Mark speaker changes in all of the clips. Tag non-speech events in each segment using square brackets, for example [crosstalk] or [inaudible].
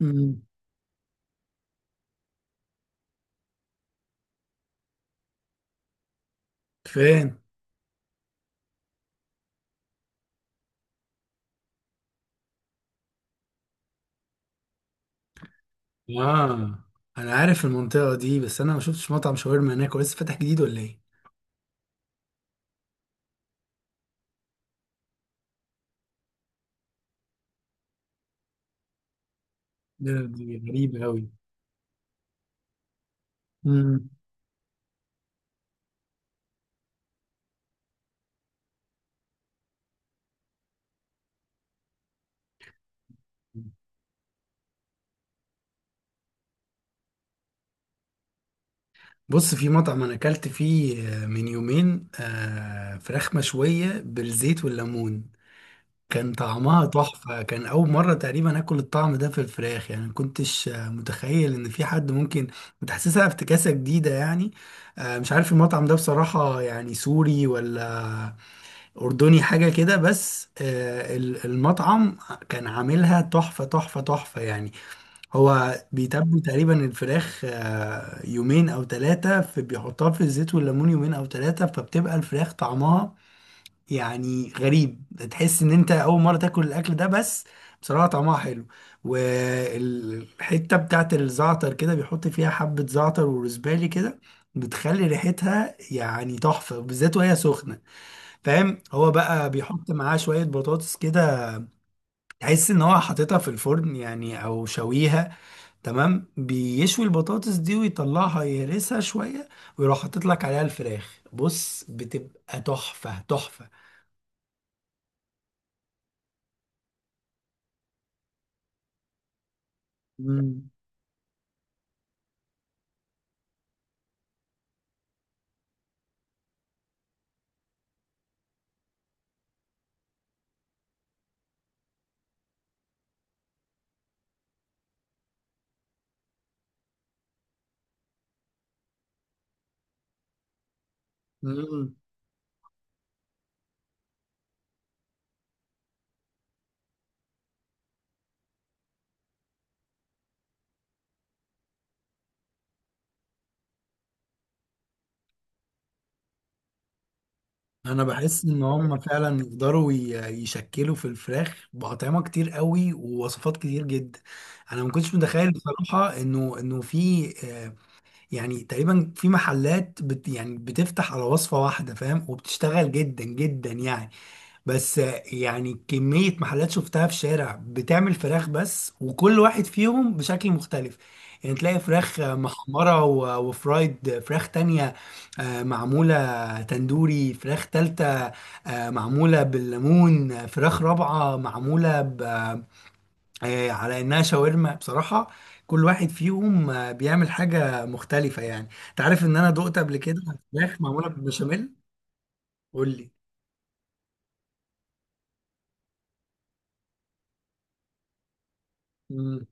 Speaker 1: مم. فين؟ اه، انا عارف المنطقه دي، بس انا ما شفتش مطعم شاورما هناك. هو لسه فاتح جديد ولا ايه؟ دي غريبة أوي. مم. بص، في مطعم انا اكلت فيه من يومين فراخ مشويه بالزيت والليمون. كان طعمها تحفه، كان اول مره تقريبا اكل الطعم ده في الفراخ، يعني ما كنتش متخيل ان في حد ممكن متحسسها افتكاسه جديده يعني. مش عارف المطعم ده بصراحه، يعني سوري ولا أردني حاجة كده، بس المطعم كان عاملها تحفة تحفة تحفة يعني. هو بيتبل تقريبا الفراخ يومين أو ثلاثة، في بيحطها في الزيت والليمون يومين أو ثلاثة، فبتبقى الفراخ طعمها يعني غريب. تحس إن أنت أول مرة تاكل الأكل ده. بس بصراحة طعمها حلو. والحتة بتاعت الزعتر كده بيحط فيها حبة زعتر وروزبالي، كده بتخلي ريحتها يعني تحفة، بالذات وهي سخنة. فاهم؟ هو بقى بيحط معاه شوية بطاطس كده تحس ان هو حاططها في الفرن يعني، او شويها. تمام، بيشوي البطاطس دي ويطلعها يهرسها شوية، ويروح حاطط لك عليها الفراخ، بص بتبقى تحفة تحفة. مم. مم. انا بحس ان هم فعلا يقدروا يشكلوا في الفراخ باطعمة كتير قوي ووصفات كتير جدا. انا ما كنتش متخيل بصراحة انه في يعني تقريبا في محلات يعني بتفتح على وصفة واحدة، فاهم؟ وبتشتغل جدا جدا يعني. بس يعني كمية محلات شفتها في شارع بتعمل فراخ بس، وكل واحد فيهم بشكل مختلف. يعني تلاقي فراخ محمرة و- وفرايد، فراخ تانية معمولة تندوري، فراخ تالتة معمولة بالليمون، فراخ رابعة معمولة على انها شاورما بصراحه. كل واحد فيهم بيعمل حاجه مختلفه. يعني انت عارف ان انا دقت قبل كده فراخ معموله بالبشاميل. قول لي. مم.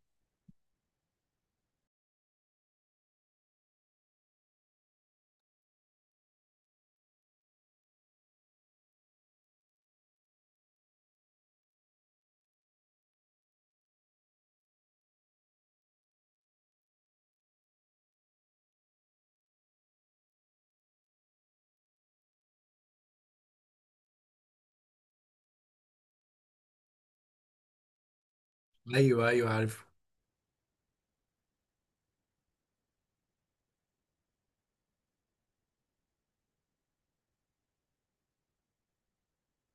Speaker 1: ايوه، ايوه، عارف.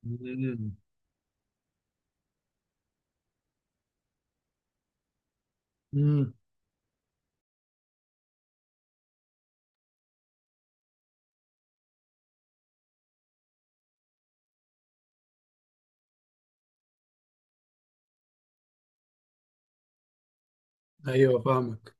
Speaker 1: مم. مم. ايوه، فاهمك.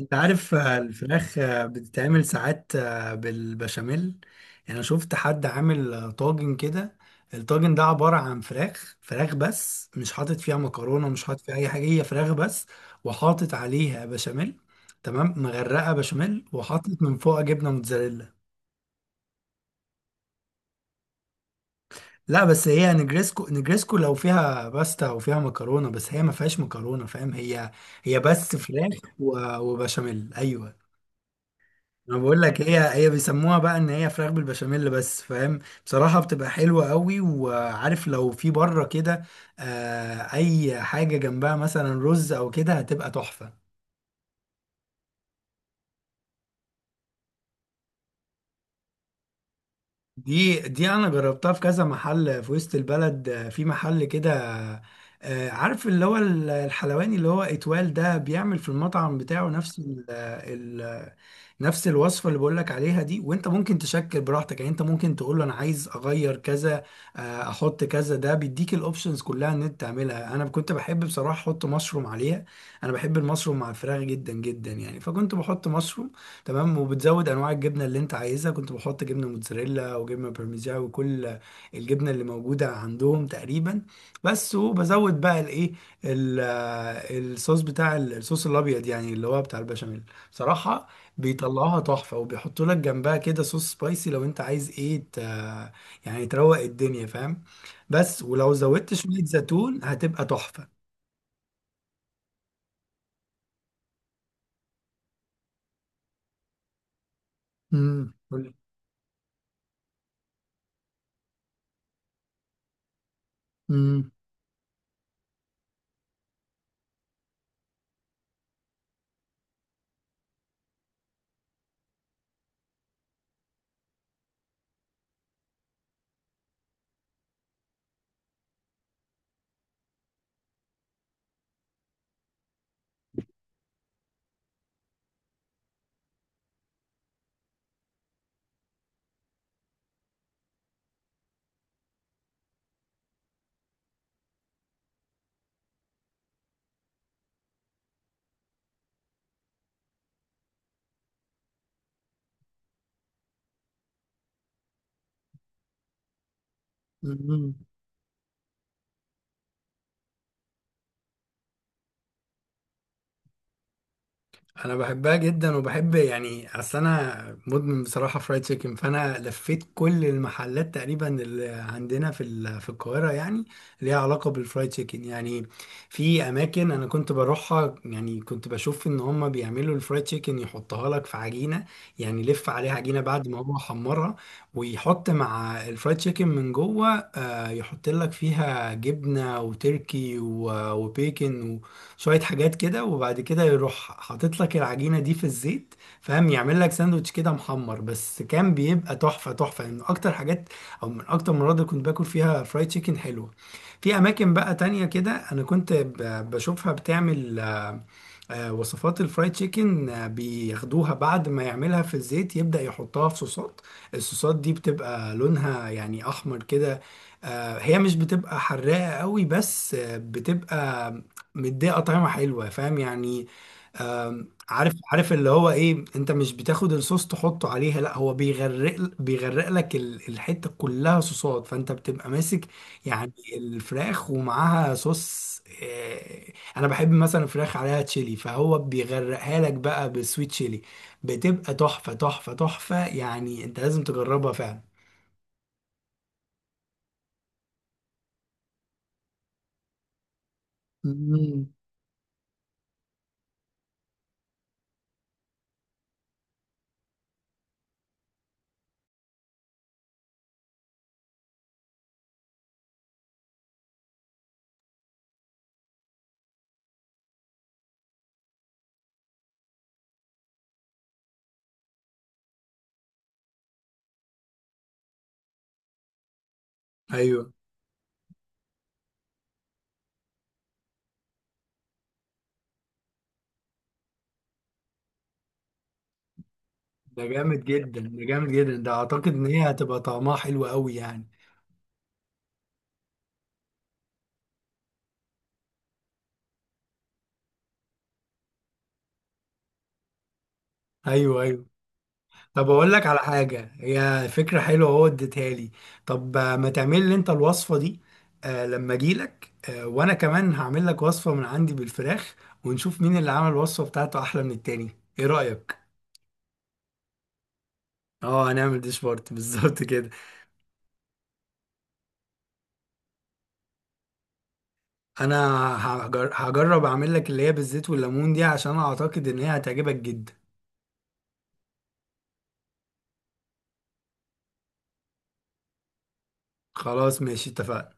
Speaker 1: انت عارف الفراخ بتتعمل ساعات بالبشاميل يعني. انا شفت حد عامل طاجن كده. الطاجن ده عبارة عن فراخ فراخ بس، مش حاطط فيها مكرونة، مش حاطط فيها اي حاجة، هي فراخ بس. وحاطط عليها بشاميل. تمام، مغرقة بشاميل، وحاطط من فوق جبنة موتزاريلا. لا، بس هي نجريسكو، نجريسكو لو فيها باستا وفيها مكرونة، بس هي ما فيهاش مكرونة. فاهم؟ هي هي بس فراخ و- وبشاميل، ايوه. انا بقول لك هي هي بيسموها بقى ان هي فراخ بالبشاميل بس، فاهم؟ بصراحه بتبقى حلوه قوي. وعارف، لو في بره كده اي حاجه جنبها مثلا رز او كده هتبقى تحفه. دي انا جربتها في كذا محل في وسط البلد، في محل كده. عارف اللي هو الحلواني اللي هو اتوال ده بيعمل في المطعم بتاعه نفس ال ال نفس الوصفة اللي بقولك عليها دي. وانت ممكن تشكل براحتك، يعني انت ممكن تقول له انا عايز اغير كذا، احط كذا. ده بيديك الاوبشنز كلها ان انت تعملها. انا كنت بحب بصراحة احط مشروم عليها. انا بحب المشروم مع الفراخ جدا جدا يعني، فكنت بحط مشروم. تمام، وبتزود انواع الجبنه اللي انت عايزها. كنت بحط جبنه موتزاريلا وجبنه بارميجان وكل الجبنه اللي موجوده عندهم تقريبا. بس، وبزود بقى الايه، ال- الصوص بتاع الصوص الابيض يعني، اللي هو بتاع البشاميل. بصراحه بيطلعوها تحفه، وبيحطوا لك جنبها كده صوص سبايسي لو انت عايز ايه يعني تروق الدنيا، فاهم؟ بس ولو زودت شويه زيتون هتبقى تحفه. امم. انا بحبها جدا وبحب يعني، اصل انا مدمن بصراحه فرايد تشيكن، فانا لفيت كل المحلات تقريبا اللي عندنا في في القاهره يعني، ليها علاقه بالفرايد تشيكن يعني. في اماكن انا كنت بروحها، يعني كنت بشوف ان هم بيعملوا الفرايد تشيكن يحطها لك في عجينه. يعني يلف عليها عجينه بعد ما هو حمرها، ويحط مع الفرايد تشيكن من جوه يحط لك فيها جبنه وتركي و- وبيكن، شوية حاجات كده. وبعد كده يروح حاطط لك العجينة دي في الزيت، فاهم؟ يعمل لك ساندوتش كده محمر، بس كان بيبقى تحفة تحفة يعني. من أكتر حاجات أو من أكتر المرات اللي كنت باكل فيها فرايد تشيكن حلوة. في أماكن بقى تانية كده، أنا كنت بشوفها بتعمل وصفات الفرايد تشيكن، بياخدوها بعد ما يعملها في الزيت، يبدأ يحطها في صوصات. الصوصات دي بتبقى لونها يعني أحمر كده. هي مش بتبقى حراقة قوي، بس بتبقى مدية طعمة حلوة، فاهم يعني؟ عارف اللي هو ايه، انت مش بتاخد الصوص تحطه عليها، لا، هو بيغرق لك الحتة كلها صوصات، فانت بتبقى ماسك يعني الفراخ ومعاها صوص. آه، انا بحب مثلا فراخ عليها تشيلي، فهو بيغرقها لك بقى بالسويت تشيلي، بتبقى تحفة تحفة تحفة يعني. انت لازم تجربها فعلا. مم. ايوه. ده جامد جدا، ده جامد جدا، ده اعتقد ان هي هتبقى طعمها حلو قوي يعني. ايوه، ايوه. طب اقول لك على حاجه، هي فكره حلوه هو اديتها لي. طب، ما تعمل لي انت الوصفه دي. آه، لما اجي لك، آه، وانا كمان هعمل لك وصفه من عندي بالفراخ، ونشوف مين اللي عمل الوصفه بتاعته احلى من التاني. ايه رايك؟ اه، هنعمل ديش بارت [laughs] بالظبط كده. انا هجرب اعمل لك اللي هي بالزيت والليمون دي، عشان اعتقد ان هي هتعجبك جدا. خلاص، ماشي، اتفقنا.